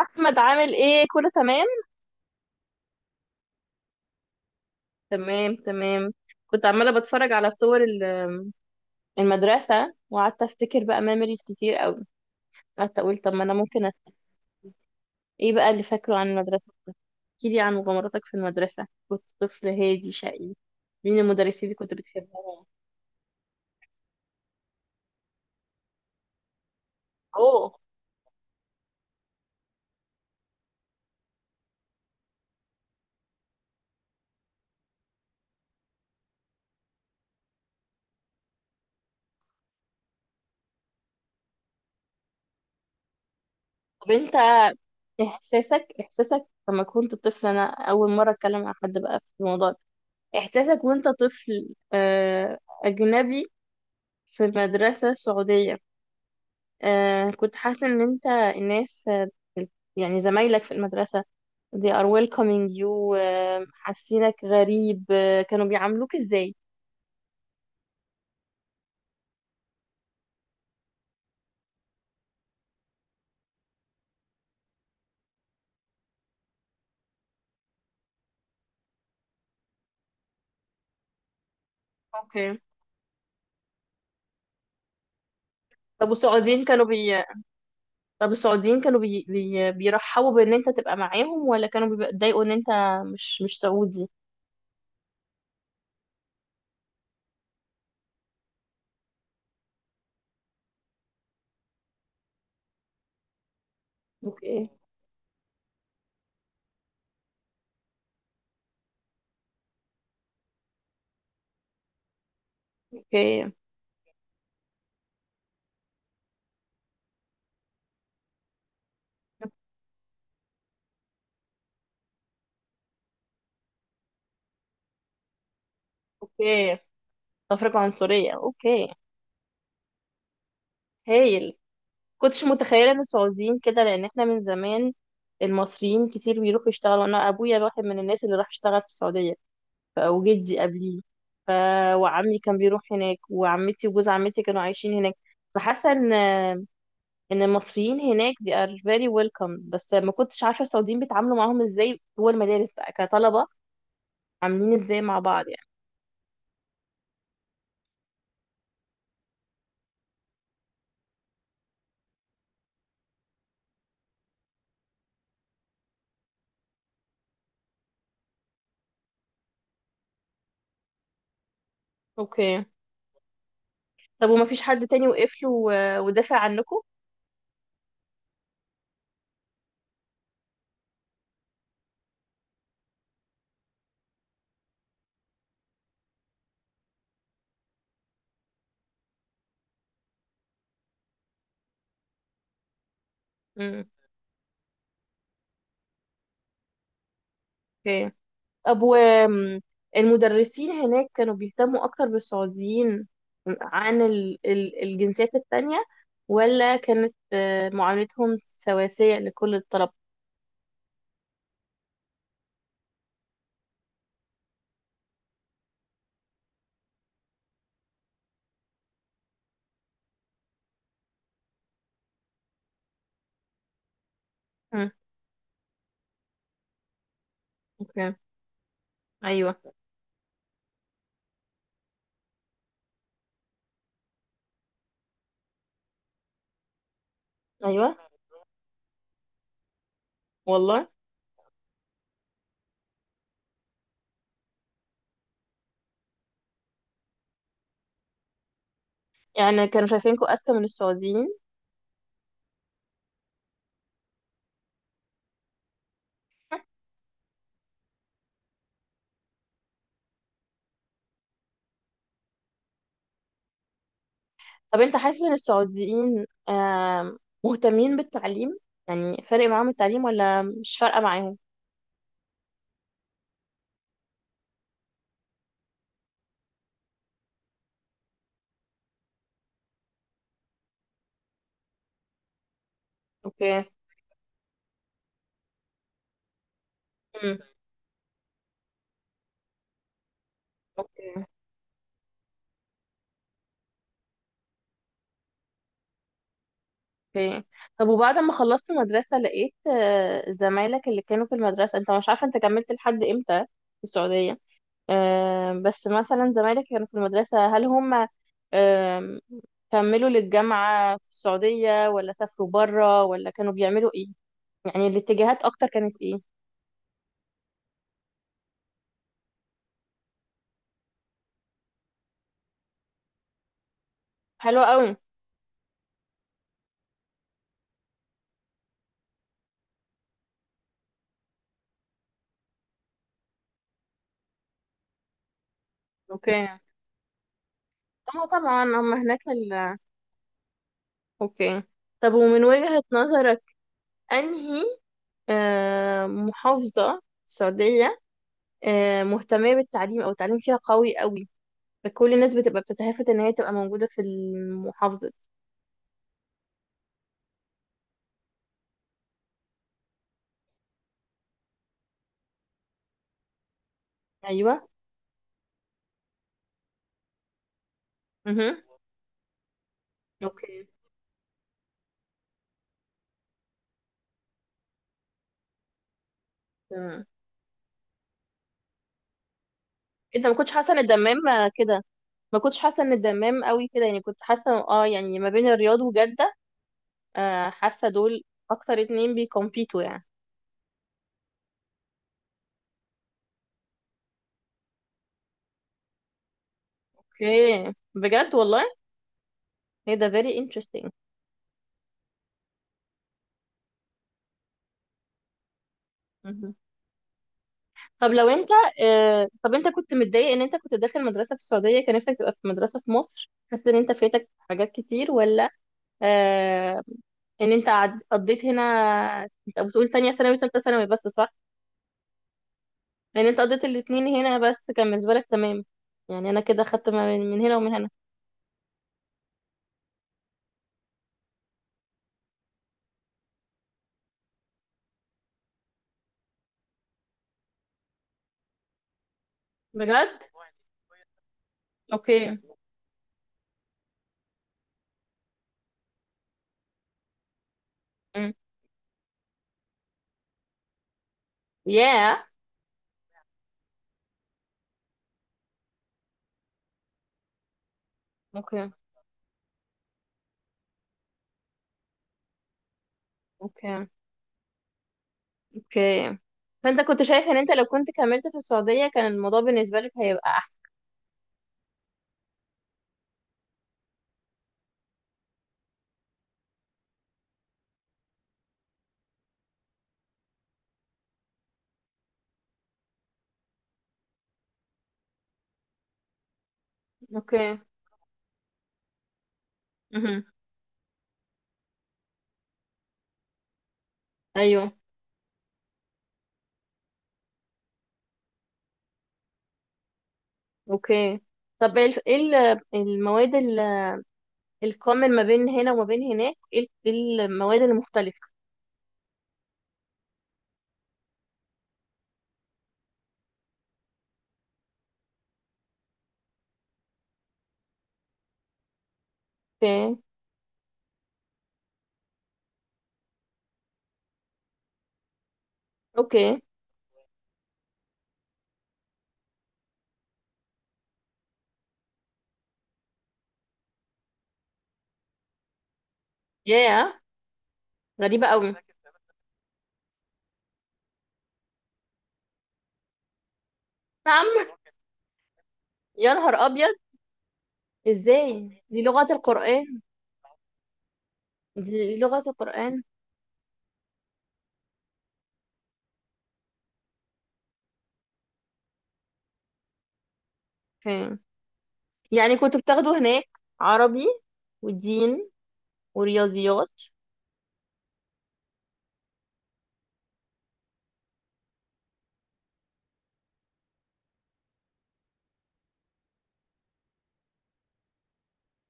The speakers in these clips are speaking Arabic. احمد عامل ايه؟ كله تمام؟ تمام. كنت عماله بتفرج على صور المدرسه وقعدت افتكر بقى ميموريز كتير قوي. قعدت اقول طب ما انا ممكن أسأل. ايه بقى اللي فاكره عن المدرسه؟ احكي لي عن مغامراتك في المدرسه. كنت طفل هادي شقي؟ مين المدرسين اللي كنت بتحبهم؟ اوه. طب انت احساسك لما كنت طفل؟ انا اول مره اتكلم مع حد بقى في الموضوع ده. احساسك وانت طفل، اجنبي في المدرسة السعودية، آه كنت حاسة ان انت الناس، يعني زمايلك في المدرسة they are welcoming you؟ آه حاسينك غريب؟ آه كانوا بيعاملوك ازاي؟ اوكي. طب والسعوديين كانوا بي... طب السعوديين كانوا بيرحبوا بان انت تبقى معاهم، ولا كانوا بيتضايقوا ان انت مش سعودي؟ اوكي. اوكي. اوكي. تفرقة عنصرية، اوكي. هايل. كنتش متخيله ان السعوديين كده، لان احنا من زمان المصريين كتير بيروحوا يشتغلوا. انا ابويا واحد من الناس اللي راح يشتغل في السعوديه، وجدي قبليه، ف... وعمي كان بيروح هناك، وعمتي وجوز عمتي كانوا عايشين هناك. فحاسه ان المصريين هناك they are very welcome، بس ما كنتش عارفه السعوديين بيتعاملوا معاهم ازاي جوه المدارس بقى كطلبه. عاملين ازاي مع بعض يعني؟ اوكي. طب وما فيش حد تاني وقف له ودافع عنكم؟ امم. اوكي. طب والمدرسين هناك كانوا بيهتموا أكتر بالسعوديين عن الجنسيات التانية، ولا كانت، آه، معاملتهم سواسية لكل الطلبة؟ مم. اوكي. أيوه. أيوه. والله. يعني كانوا شايفينكوا أذكى من السعوديين؟ طب أنت حاسس إن السعوديين، مهتمين بالتعليم؟ يعني فارق معاهم التعليم ولا مش فارقة معاهم؟ اوكي. مم. اوكي. اوكي. طب وبعد ما خلصت مدرسة لقيت، آه، زمايلك اللي كانوا في المدرسة، انت مش عارفة انت كملت لحد امتى في السعودية، آه، بس مثلا زمايلك كانوا في المدرسة، هل هم، آم، كملوا للجامعة في السعودية ولا سافروا برا ولا كانوا بيعملوا ايه؟ يعني الاتجاهات اكتر كانت ايه؟ حلوة قوي. اوكي. اه طبعا هم هناك اوكي. طب ومن وجهة نظرك، انهي، آه، محافظة السعودية، آه، مهتمة بالتعليم، أو التعليم فيها قوي قوي، فكل الناس بتبقى بتتهافت إن هي تبقى موجودة في المحافظة دي؟ أيوة. مهم. أوكي. تمام. أنت ما كنتش حاسة إن الدمام، آه، كده. ما كنتش حاسة إن الدمام قوي كده؟ يعني كنت حاسة اه يعني ما بين الرياض وجدة، آه، حاسة دول أكتر اتنين بيكمبيتوا يعني. أوكي. بجد والله. هي ده very interesting. مهم. طب لو انت، آه، طب انت كنت متضايق ان انت كنت داخل مدرسة في السعودية؟ كان نفسك تبقى في مدرسة في مصر؟ حاسس ان انت فاتك حاجات كتير ولا، آه، ان انت قضيت هنا؟ انت بتقول تانية ثانوي وتالتة ثانوي بس، صح؟ ان انت قضيت الاتنين هنا، بس كان بالنسبة لك تمام؟ يعني انا كده خدت ما من هنا ومن هنا. بجد. اوكي. امم. ياه. اوكي. اوكي. اوكي. فانت كنت شايف ان انت لو كنت كملت في السعودية كان الموضوع بالنسبة لك هيبقى احسن؟ اوكي. امم. ايوه. اوكي. طب ايه إيه المواد الكومن ما بين هنا وما بين هناك؟ ايه إيه المواد المختلفة؟ اوكي. اوكي. ياه. غريبة قوي. نعم. يا نهار أبيض. إزاي، دي لغة القرآن! دي لغة القرآن. فين؟ يعني كنت بتاخده هناك عربي ودين ورياضيات؟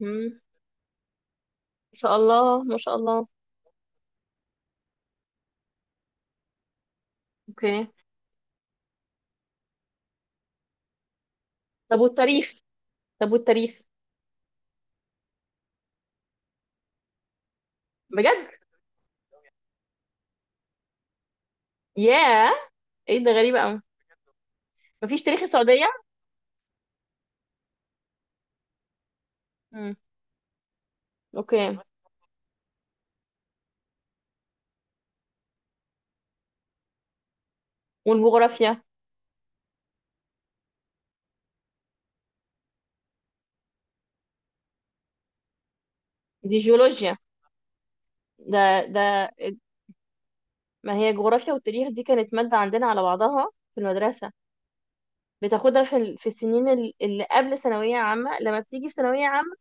مم. ما شاء الله، ما شاء الله. أوكي. طب والتاريخ؟ طب والتاريخ؟ بجد؟ ياه. إيه ده، غريبة قوي. مفيش تاريخ السعودية؟ مم. أوكي. والجغرافيا؟ دي جيولوجيا ده. ده ما هي جغرافيا، والتاريخ دي كانت مادة عندنا على بعضها في المدرسة. بتاخدها في في السنين اللي قبل ثانوية عامة. لما بتيجي في ثانوية عامة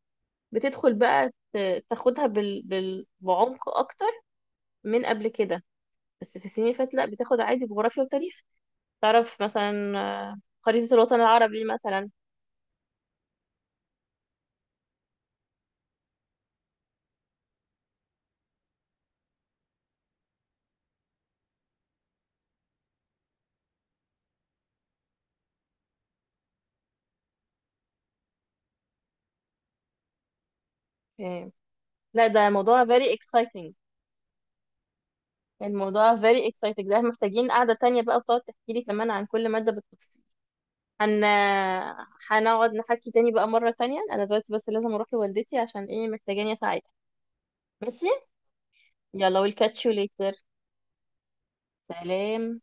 بتدخل بقى تاخدها بعمق أكتر من قبل كده، بس في السنين اللي فاتت لأ، بتاخد عادي جغرافيا وتاريخ. تعرف مثلا، آه، خريطة الوطن العربي مثلا؟ آه. لا ده موضوع very exciting. الموضوع very exciting ده، محتاجين قعدة تانية بقى وتقعد تحكي لي كمان عن كل مادة بالتفصيل. هن. هنقعد نحكي تاني بقى مرة تانية. أنا دلوقتي بس لازم أروح لوالدتي عشان إيه، محتاجاني أساعدها. ماشي. يلا والكاتشيو ليتر. سلام.